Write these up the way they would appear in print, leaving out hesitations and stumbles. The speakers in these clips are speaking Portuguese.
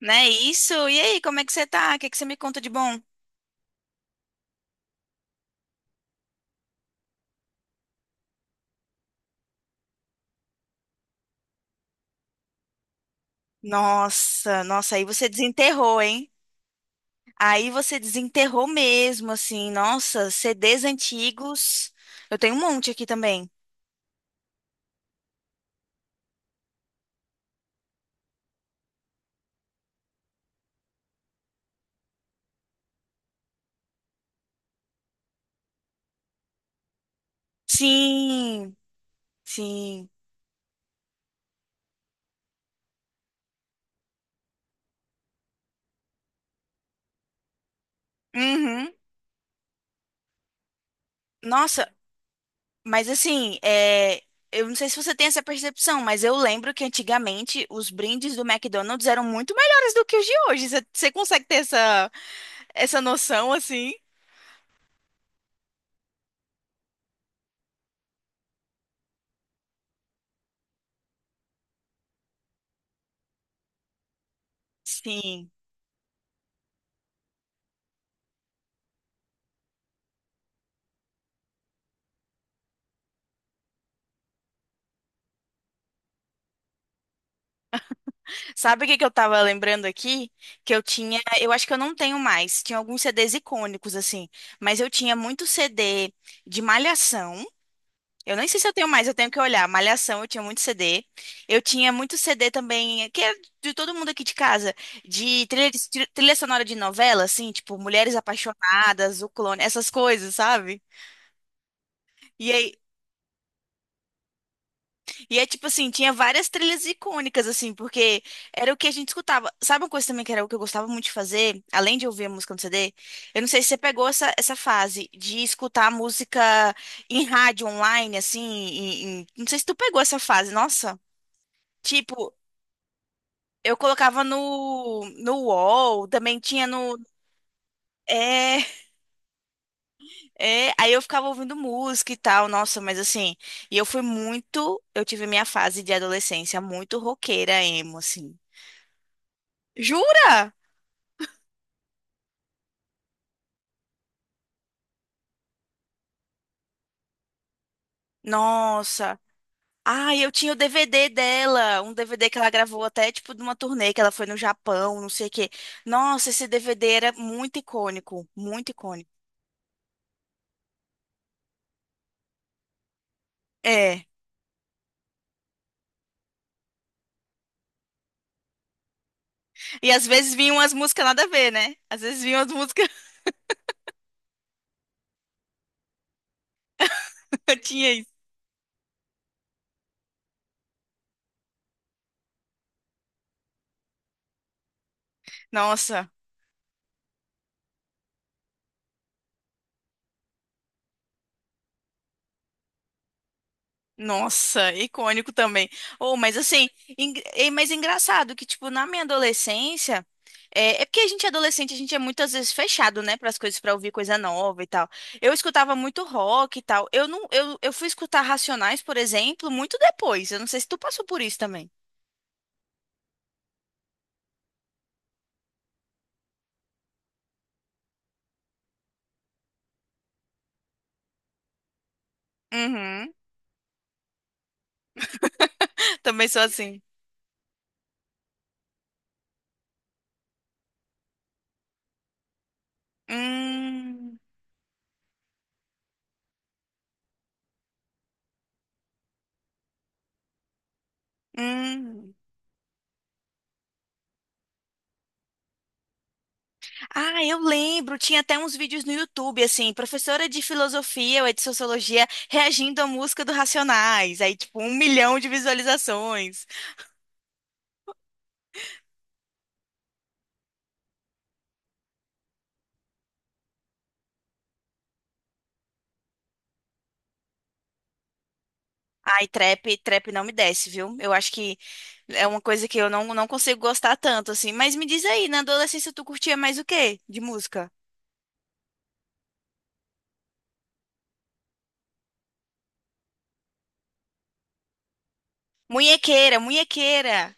Não é isso? E aí, como é que você tá? O que você me conta de bom? Nossa, aí você desenterrou, hein? Aí você desenterrou mesmo, assim, nossa, CDs antigos. Eu tenho um monte aqui também. Sim, sim. Uhum. Nossa, mas assim, eu não sei se você tem essa percepção, mas eu lembro que antigamente os brindes do McDonald's eram muito melhores do que os de hoje. Você consegue ter essa, essa noção, assim? Sim. Sabe o que eu tava lembrando aqui? Que eu tinha, eu acho que eu não tenho mais, tinha alguns CDs icônicos assim, mas eu tinha muito CD de Malhação. Eu nem sei se eu tenho mais, eu tenho que olhar. Malhação, eu tinha muito CD. Eu tinha muito CD também, que era de todo mundo aqui de casa, de trilha, trilha sonora de novela, assim, tipo Mulheres Apaixonadas, O Clone, essas coisas, sabe? E aí, E é tipo assim, tinha várias trilhas icônicas, assim, porque era o que a gente escutava. Sabe uma coisa também que era o que eu gostava muito de fazer, além de ouvir a música no CD? Eu não sei se você pegou essa, essa fase de escutar música em rádio online, assim, não sei se tu pegou essa fase, nossa. Tipo, eu colocava no UOL, também tinha no. É, aí eu ficava ouvindo música e tal, nossa, mas assim, e eu fui muito. Eu tive minha fase de adolescência muito roqueira, emo, assim. Jura? Nossa. Ah, eu tinha o DVD dela, um DVD que ela gravou até tipo de uma turnê que ela foi no Japão, não sei o quê. Nossa, esse DVD era muito icônico, muito icônico. É. E às vezes vinham as músicas nada a ver, né? Às vezes vinham as músicas. Eu tinha isso. Nossa. Nossa, icônico também. Ou, mas assim, é, mas engraçado que, tipo, na minha adolescência, é porque a gente é adolescente, a gente é muitas vezes fechado, né, para as coisas, para ouvir coisa nova e tal. Eu escutava muito rock e tal. Eu não, eu fui escutar Racionais, por exemplo, muito depois. Eu não sei se tu passou por isso também. Uhum. Também sou assim. Hum, hum. Ah, eu lembro, tinha até uns vídeos no YouTube, assim, professora de filosofia ou de sociologia reagindo à música do Racionais, aí tipo um milhão de visualizações. Ai, trap não me desce, viu? Eu acho que é uma coisa que eu não, não consigo gostar tanto, assim. Mas me diz aí, na adolescência tu curtia mais o quê de música? Munhequeira.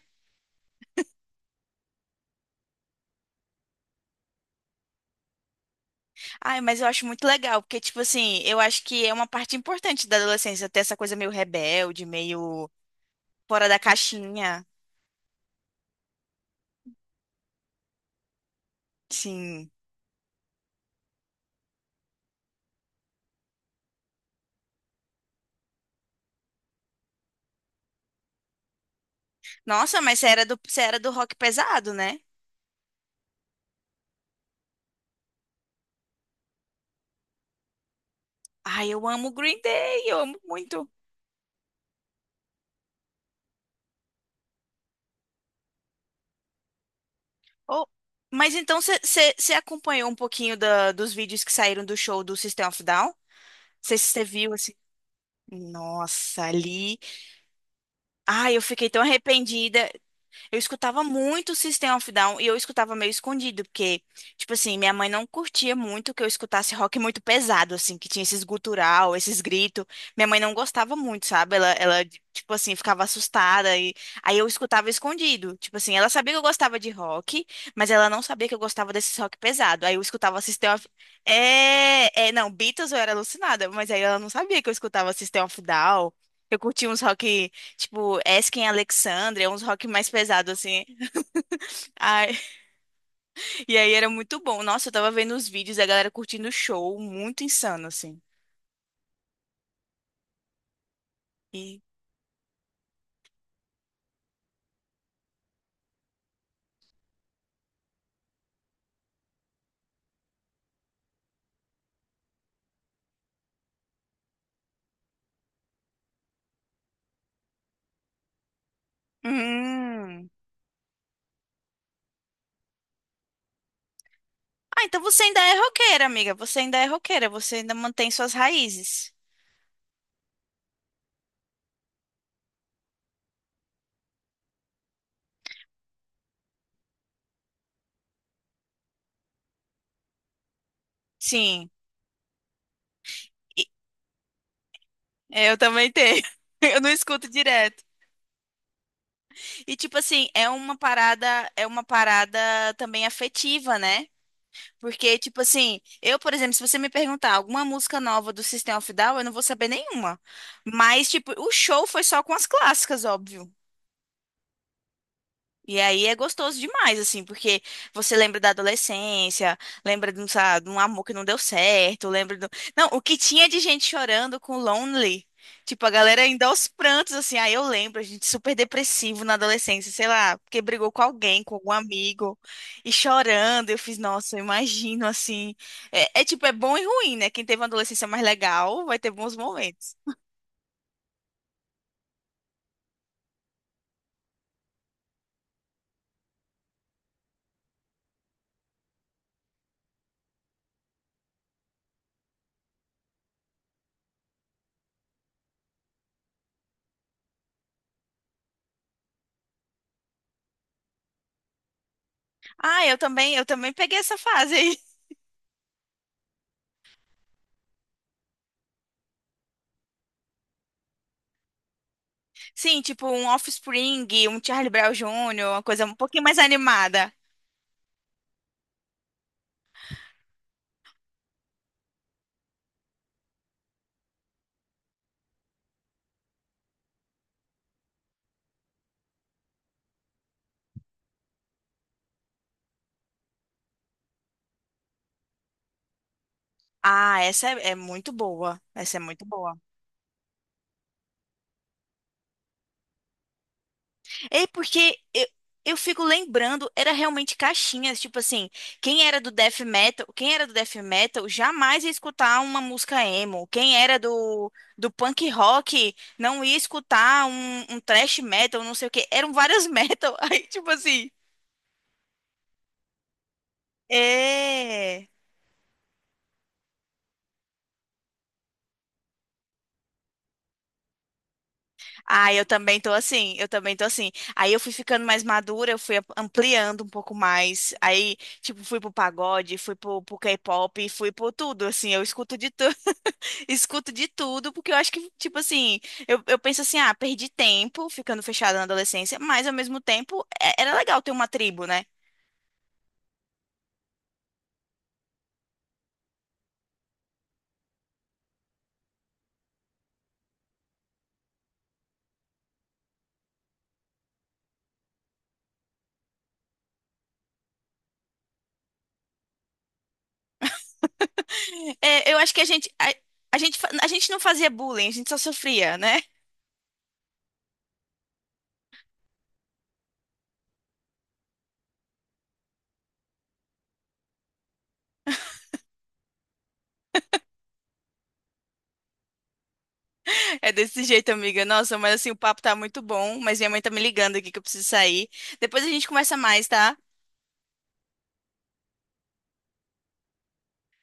Ai, mas eu acho muito legal, porque, tipo assim, eu acho que é uma parte importante da adolescência, ter essa coisa meio rebelde, meio fora da caixinha. Sim. Nossa, mas você era do rock pesado, né? Ai, eu amo Green Day, eu amo muito. Oh, mas então você acompanhou um pouquinho dos vídeos que saíram do show do System of Down? Você viu assim. Nossa, ali. Ai, eu fiquei tão arrependida. Eu escutava muito System of Down e eu escutava meio escondido, porque, tipo assim, minha mãe não curtia muito que eu escutasse rock muito pesado, assim, que tinha esses gutural, esses gritos. Minha mãe não gostava muito, sabe? Tipo assim, ficava assustada e aí eu escutava escondido. Tipo assim, ela sabia que eu gostava de rock, mas ela não sabia que eu gostava desse rock pesado. Aí eu escutava System of... não, Beatles eu era alucinada, mas aí ela não sabia que eu escutava System of Down. Eu curtia uns rock. Tipo, Esken Alexandria, uns rock mais pesados, assim. Ai, e aí era muito bom. Nossa, eu tava vendo os vídeos da galera curtindo o show, muito insano, assim. E. Hum. Ah, então você ainda é roqueira, amiga. Você ainda é roqueira, você ainda mantém suas raízes. Sim, e- é, eu também tenho. Eu não escuto direto. E tipo assim, é uma parada também afetiva, né? Porque, tipo assim, eu, por exemplo, se você me perguntar alguma música nova do System of a Down, eu não vou saber nenhuma. Mas, tipo, o show foi só com as clássicas, óbvio. E aí é gostoso demais, assim, porque você lembra da adolescência, lembra de um, sabe, de um amor que não deu certo, lembra do... Não, o que tinha de gente chorando com Lonely, tipo, a galera ainda aos prantos, assim, aí eu lembro, a gente super depressivo na adolescência, sei lá, porque brigou com alguém, com algum amigo, e chorando, eu fiz, nossa, eu imagino, assim, é tipo, é bom e ruim, né? Quem teve uma adolescência mais legal vai ter bons momentos. Ah, eu também peguei essa fase aí. Sim, tipo um Offspring, um Charlie Brown Jr., uma coisa um pouquinho mais animada. Ah, é muito boa. Essa é muito boa. É porque eu, eu fico lembrando, era realmente caixinhas, tipo assim, quem era do death metal jamais ia escutar uma música emo. Do punk rock não ia escutar um thrash metal, não sei o quê. Eram várias metal. Aí, tipo assim, é. Ah, eu também tô assim. Aí eu fui ficando mais madura, eu fui ampliando um pouco mais. Aí, tipo, fui pro pagode, fui pro K-pop, fui pro tudo, assim. Eu escuto de tudo, escuto de tudo, porque eu acho que, tipo assim, eu penso assim, ah, perdi tempo ficando fechada na adolescência, mas ao mesmo tempo era legal ter uma tribo, né? É, eu acho que a gente, a gente não fazia bullying, a gente só sofria, né? É desse jeito, amiga. Nossa, mas assim, o papo tá muito bom, mas minha mãe tá me ligando aqui que eu preciso sair. Depois a gente conversa mais, tá?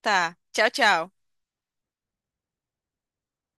Tá. Tchau, tchau.